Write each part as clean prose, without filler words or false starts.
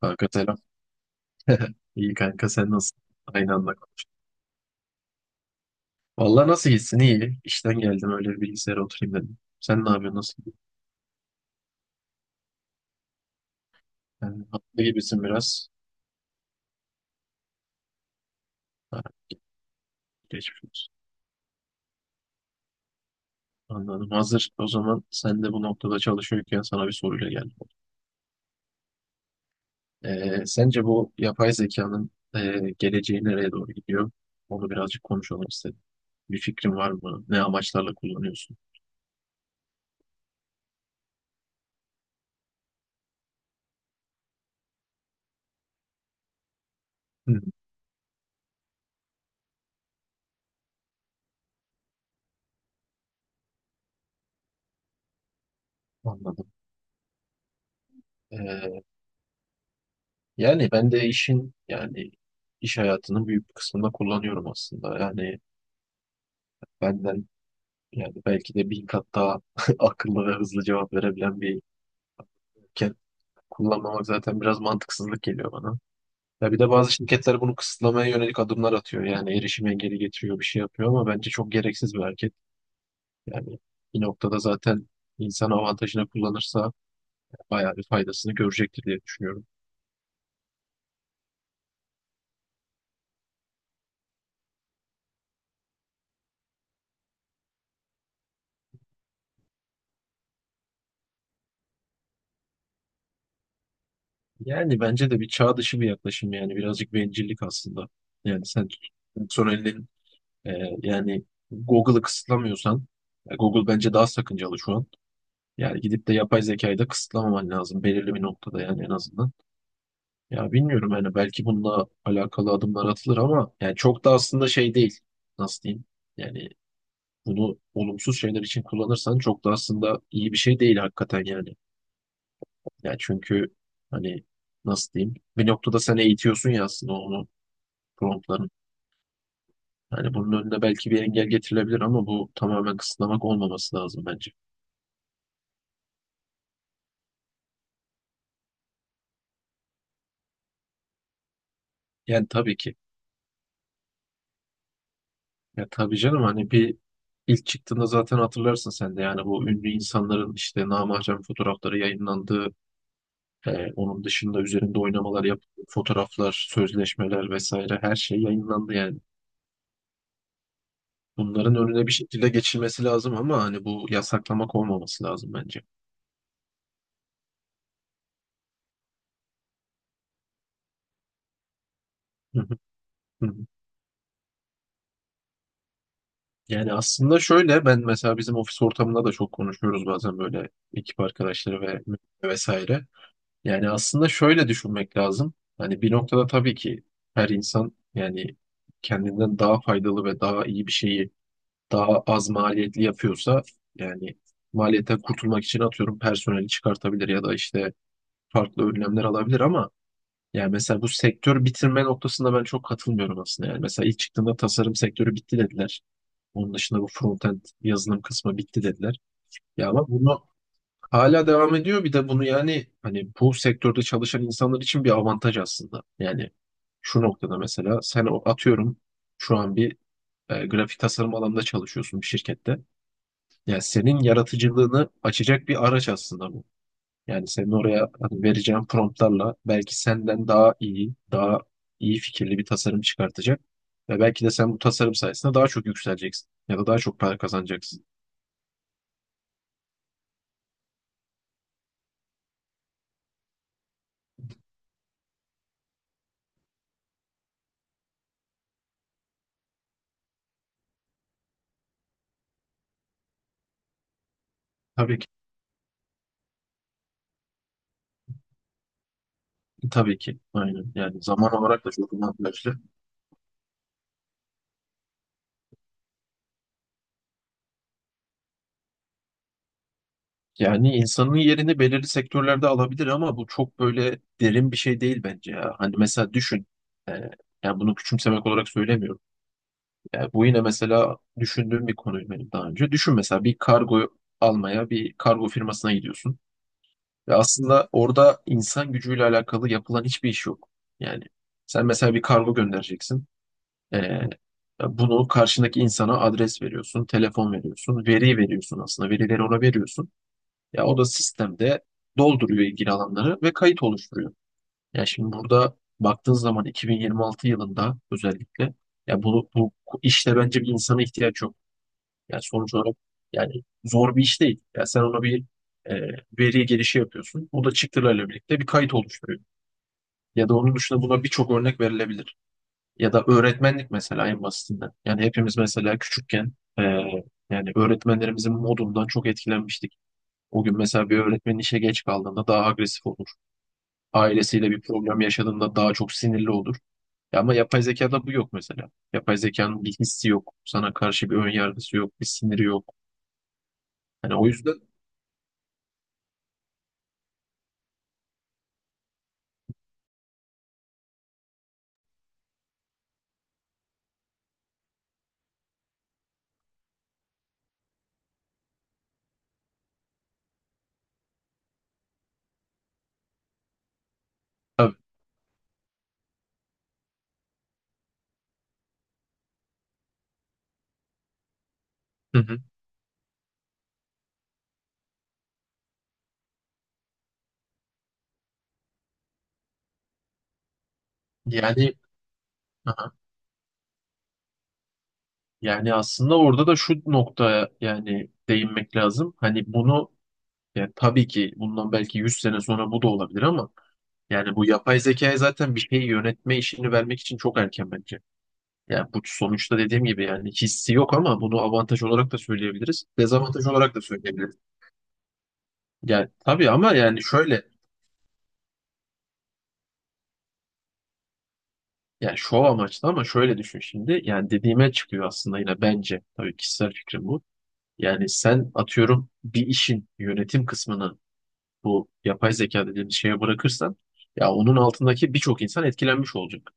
Kanka selam. İyi kanka sen nasılsın? Aynı anda. Vallahi nasıl gitsin? İyi. İşten geldim öyle bir bilgisayara oturayım dedim. Sen ne yapıyorsun? Nasıl gidiyor? Yani haklı gibisin biraz. Ha, geçmiş olsun. Anladım. Hazır o zaman sen de bu noktada çalışıyorken sana bir soruyla geldim. Sence bu yapay zekanın geleceği nereye doğru gidiyor? Onu birazcık konuşalım istedim. Bir fikrin var mı? Ne amaçlarla kullanıyorsun? Hı, anladım. Ee, Yani ben de yani iş hayatının büyük bir kısmında kullanıyorum aslında. Yani benden yani belki de bin kat daha akıllı ve hızlı cevap verebilen bir şirket kullanmamak zaten biraz mantıksızlık geliyor bana. Ya bir de bazı şirketler bunu kısıtlamaya yönelik adımlar atıyor. Yani erişim engeli getiriyor, bir şey yapıyor ama bence çok gereksiz bir hareket. Yani bir noktada zaten insan avantajını kullanırsa bayağı bir faydasını görecektir diye düşünüyorum. Yani bence de bir çağ dışı bir yaklaşım yani birazcık bencillik aslında. Yani sen personelin e, yani Google'ı kısıtlamıyorsan Google bence daha sakıncalı şu an. Yani gidip de yapay zekayı da kısıtlamaman lazım belirli bir noktada yani en azından. Ya bilmiyorum yani belki bununla alakalı adımlar atılır ama yani çok da aslında şey değil. Nasıl diyeyim? Yani bunu olumsuz şeyler için kullanırsan çok da aslında iyi bir şey değil hakikaten yani. Ya çünkü hani nasıl diyeyim? Bir noktada sen eğitiyorsun ya aslında onu. Promptların. Yani bunun önüne belki bir engel getirilebilir ama bu tamamen kısıtlamak olmaması lazım bence. Yani tabii ki. Ya tabii canım hani bir ilk çıktığında zaten hatırlarsın sen de yani bu ünlü insanların işte namahcem fotoğrafları yayınlandığı, onun dışında üzerinde oynamalar yap, fotoğraflar, sözleşmeler vesaire her şey yayınlandı yani. Bunların önüne bir şekilde geçilmesi lazım ama hani bu yasaklamak olmaması lazım bence. Hı hı, hı hı. Yani aslında şöyle ben mesela bizim ofis ortamında da çok konuşuyoruz bazen böyle ekip arkadaşları ve vesaire. Yani aslında şöyle düşünmek lazım. Hani bir noktada tabii ki her insan yani kendinden daha faydalı ve daha iyi bir şeyi daha az maliyetli yapıyorsa yani maliyetten kurtulmak için atıyorum personeli çıkartabilir ya da işte farklı önlemler alabilir ama yani mesela bu sektör bitirme noktasında ben çok katılmıyorum aslında. Yani mesela ilk çıktığında tasarım sektörü bitti dediler. Onun dışında bu frontend yazılım kısmı bitti dediler. Ya ama bunu hala devam ediyor. Bir de bunu yani hani bu sektörde çalışan insanlar için bir avantaj aslında. Yani şu noktada mesela sen atıyorum şu an bir grafik tasarım alanında çalışıyorsun bir şirkette. Yani senin yaratıcılığını açacak bir araç aslında bu. Yani senin oraya hani vereceğin promptlarla belki senden daha iyi fikirli bir tasarım çıkartacak. Ve belki de sen bu tasarım sayesinde daha çok yükseleceksin ya da daha çok para kazanacaksın. Tabii ki, tabii ki. Aynen. Yani zaman olarak da çok avantajlı. Yani insanın yerini belirli sektörlerde alabilir ama bu çok böyle derin bir şey değil bence ya. Hani mesela düşün. e, Yani bunu küçümsemek olarak söylemiyorum. Yani bu yine mesela düşündüğüm bir konuydu benim daha önce. Düşün mesela bir kargo almaya bir kargo firmasına gidiyorsun. Ve aslında orada insan gücüyle alakalı yapılan hiçbir iş yok. Yani sen mesela bir kargo göndereceksin. Ee, Bunu karşındaki insana adres veriyorsun, telefon veriyorsun, veri veriyorsun aslında. Verileri ona veriyorsun. Ya o da sistemde dolduruyor ilgili alanları ve kayıt oluşturuyor. Ya şimdi burada baktığın zaman 2026 yılında özellikle ya bu işte bence bir insana ihtiyaç yok. Yani sonuç olarak yani zor bir iş değil. Ya sen ona bir e, veri gelişi yapıyorsun. O da çıktılarla birlikte bir kayıt oluşturuyor. Ya da onun dışında buna birçok örnek verilebilir. Ya da öğretmenlik mesela en basitinden. Yani hepimiz mesela küçükken e, yani öğretmenlerimizin modundan çok etkilenmiştik. O gün mesela bir öğretmenin işe geç kaldığında daha agresif olur. Ailesiyle bir problem yaşadığında daha çok sinirli olur. Ya ama yapay zekada bu yok mesela. Yapay zekanın bir hissi yok. Sana karşı bir ön yargısı yok, bir siniri yok. Yani o yüzden tabii. Hı hı. Yani aha. Yani aslında orada da şu noktaya yani değinmek lazım. Hani bunu yani tabii ki bundan belki 100 sene sonra bu da olabilir ama yani bu yapay zekaya zaten bir şeyi yönetme işini vermek için çok erken bence. Yani bu sonuçta dediğim gibi yani hissi yok ama bunu avantaj olarak da söyleyebiliriz. Dezavantaj olarak da söyleyebiliriz. Yani tabii ama yani şöyle yani şov amaçlı ama şöyle düşün şimdi. Yani dediğime çıkıyor aslında yine bence. Tabii kişisel fikrim bu. Yani sen atıyorum bir işin yönetim kısmını bu yapay zeka dediğimiz şeye bırakırsan ya onun altındaki birçok insan etkilenmiş olacak.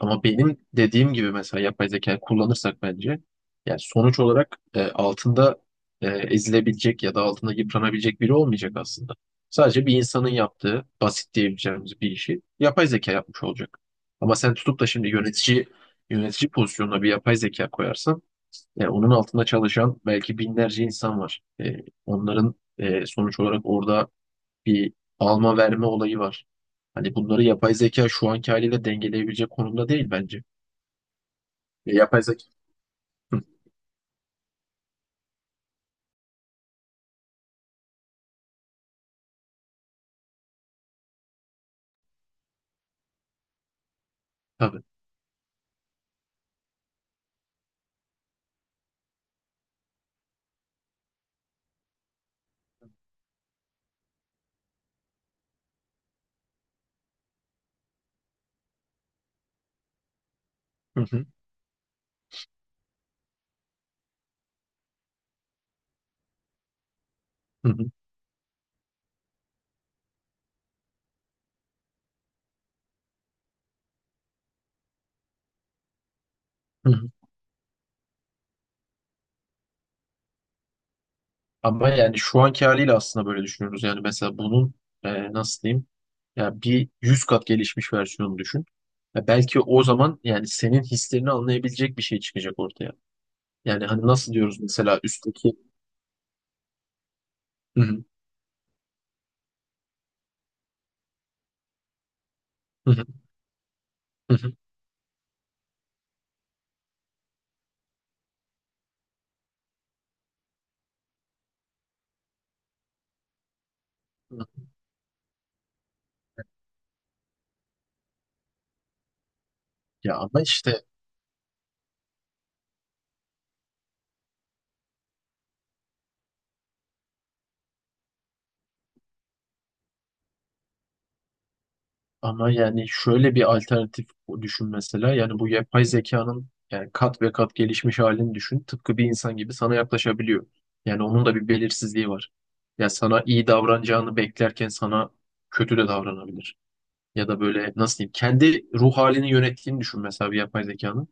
Ama benim dediğim gibi mesela yapay zeka kullanırsak bence yani sonuç olarak altında ezilebilecek ya da altında yıpranabilecek biri olmayacak aslında. Sadece bir insanın yaptığı basit diyebileceğimiz bir işi yapay zeka yapmış olacak. Ama sen tutup da şimdi yönetici pozisyonuna bir yapay zeka koyarsan yani onun altında çalışan belki binlerce insan var. Onların sonuç olarak orada bir alma verme olayı var. Hani bunları yapay zeka şu anki haliyle dengeleyebilecek konumda değil bence. Yapay zeka. Hı, tabii. Hı hı, hı hı, hı hı. Ama yani şu anki haliyle aslında böyle düşünüyoruz. Yani mesela bunun nasıl diyeyim? Ya bir 100 kat gelişmiş versiyonu düşün. Ya belki o zaman yani senin hislerini anlayabilecek bir şey çıkacak ortaya. Yani hani nasıl diyoruz mesela üstteki. Hı hı, hı hı, hı hı. Ya ama işte. Ama yani şöyle bir alternatif düşün mesela. Yani bu yapay zekanın yani kat ve kat gelişmiş halini düşün. Tıpkı bir insan gibi sana yaklaşabiliyor. Yani onun da bir belirsizliği var. Ya sana iyi davranacağını beklerken sana kötü de davranabilir. Ya da böyle nasıl diyeyim kendi ruh halini yönettiğini düşün mesela bir yapay zekanın.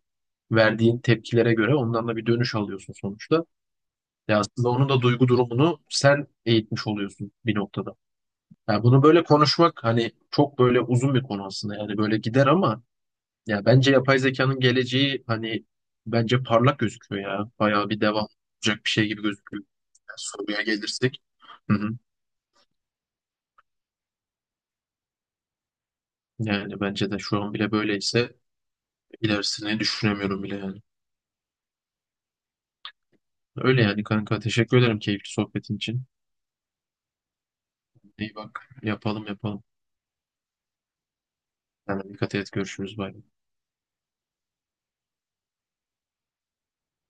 Verdiğin tepkilere göre ondan da bir dönüş alıyorsun sonuçta. Ya aslında onun da duygu durumunu sen eğitmiş oluyorsun bir noktada. Ya bunu böyle konuşmak hani çok böyle uzun bir konu aslında yani böyle gider ama ya bence yapay zekanın geleceği hani bence parlak gözüküyor ya. Bayağı bir devam olacak bir şey gibi gözüküyor. Yani soruya gelirsek. Hı hı. Yani bence de şu an bile böyleyse ilerisini düşünemiyorum bile yani. Öyle yani kanka teşekkür ederim keyifli sohbetin için. İyi bak yapalım yapalım. Yani dikkat et görüşürüz. Bay bay.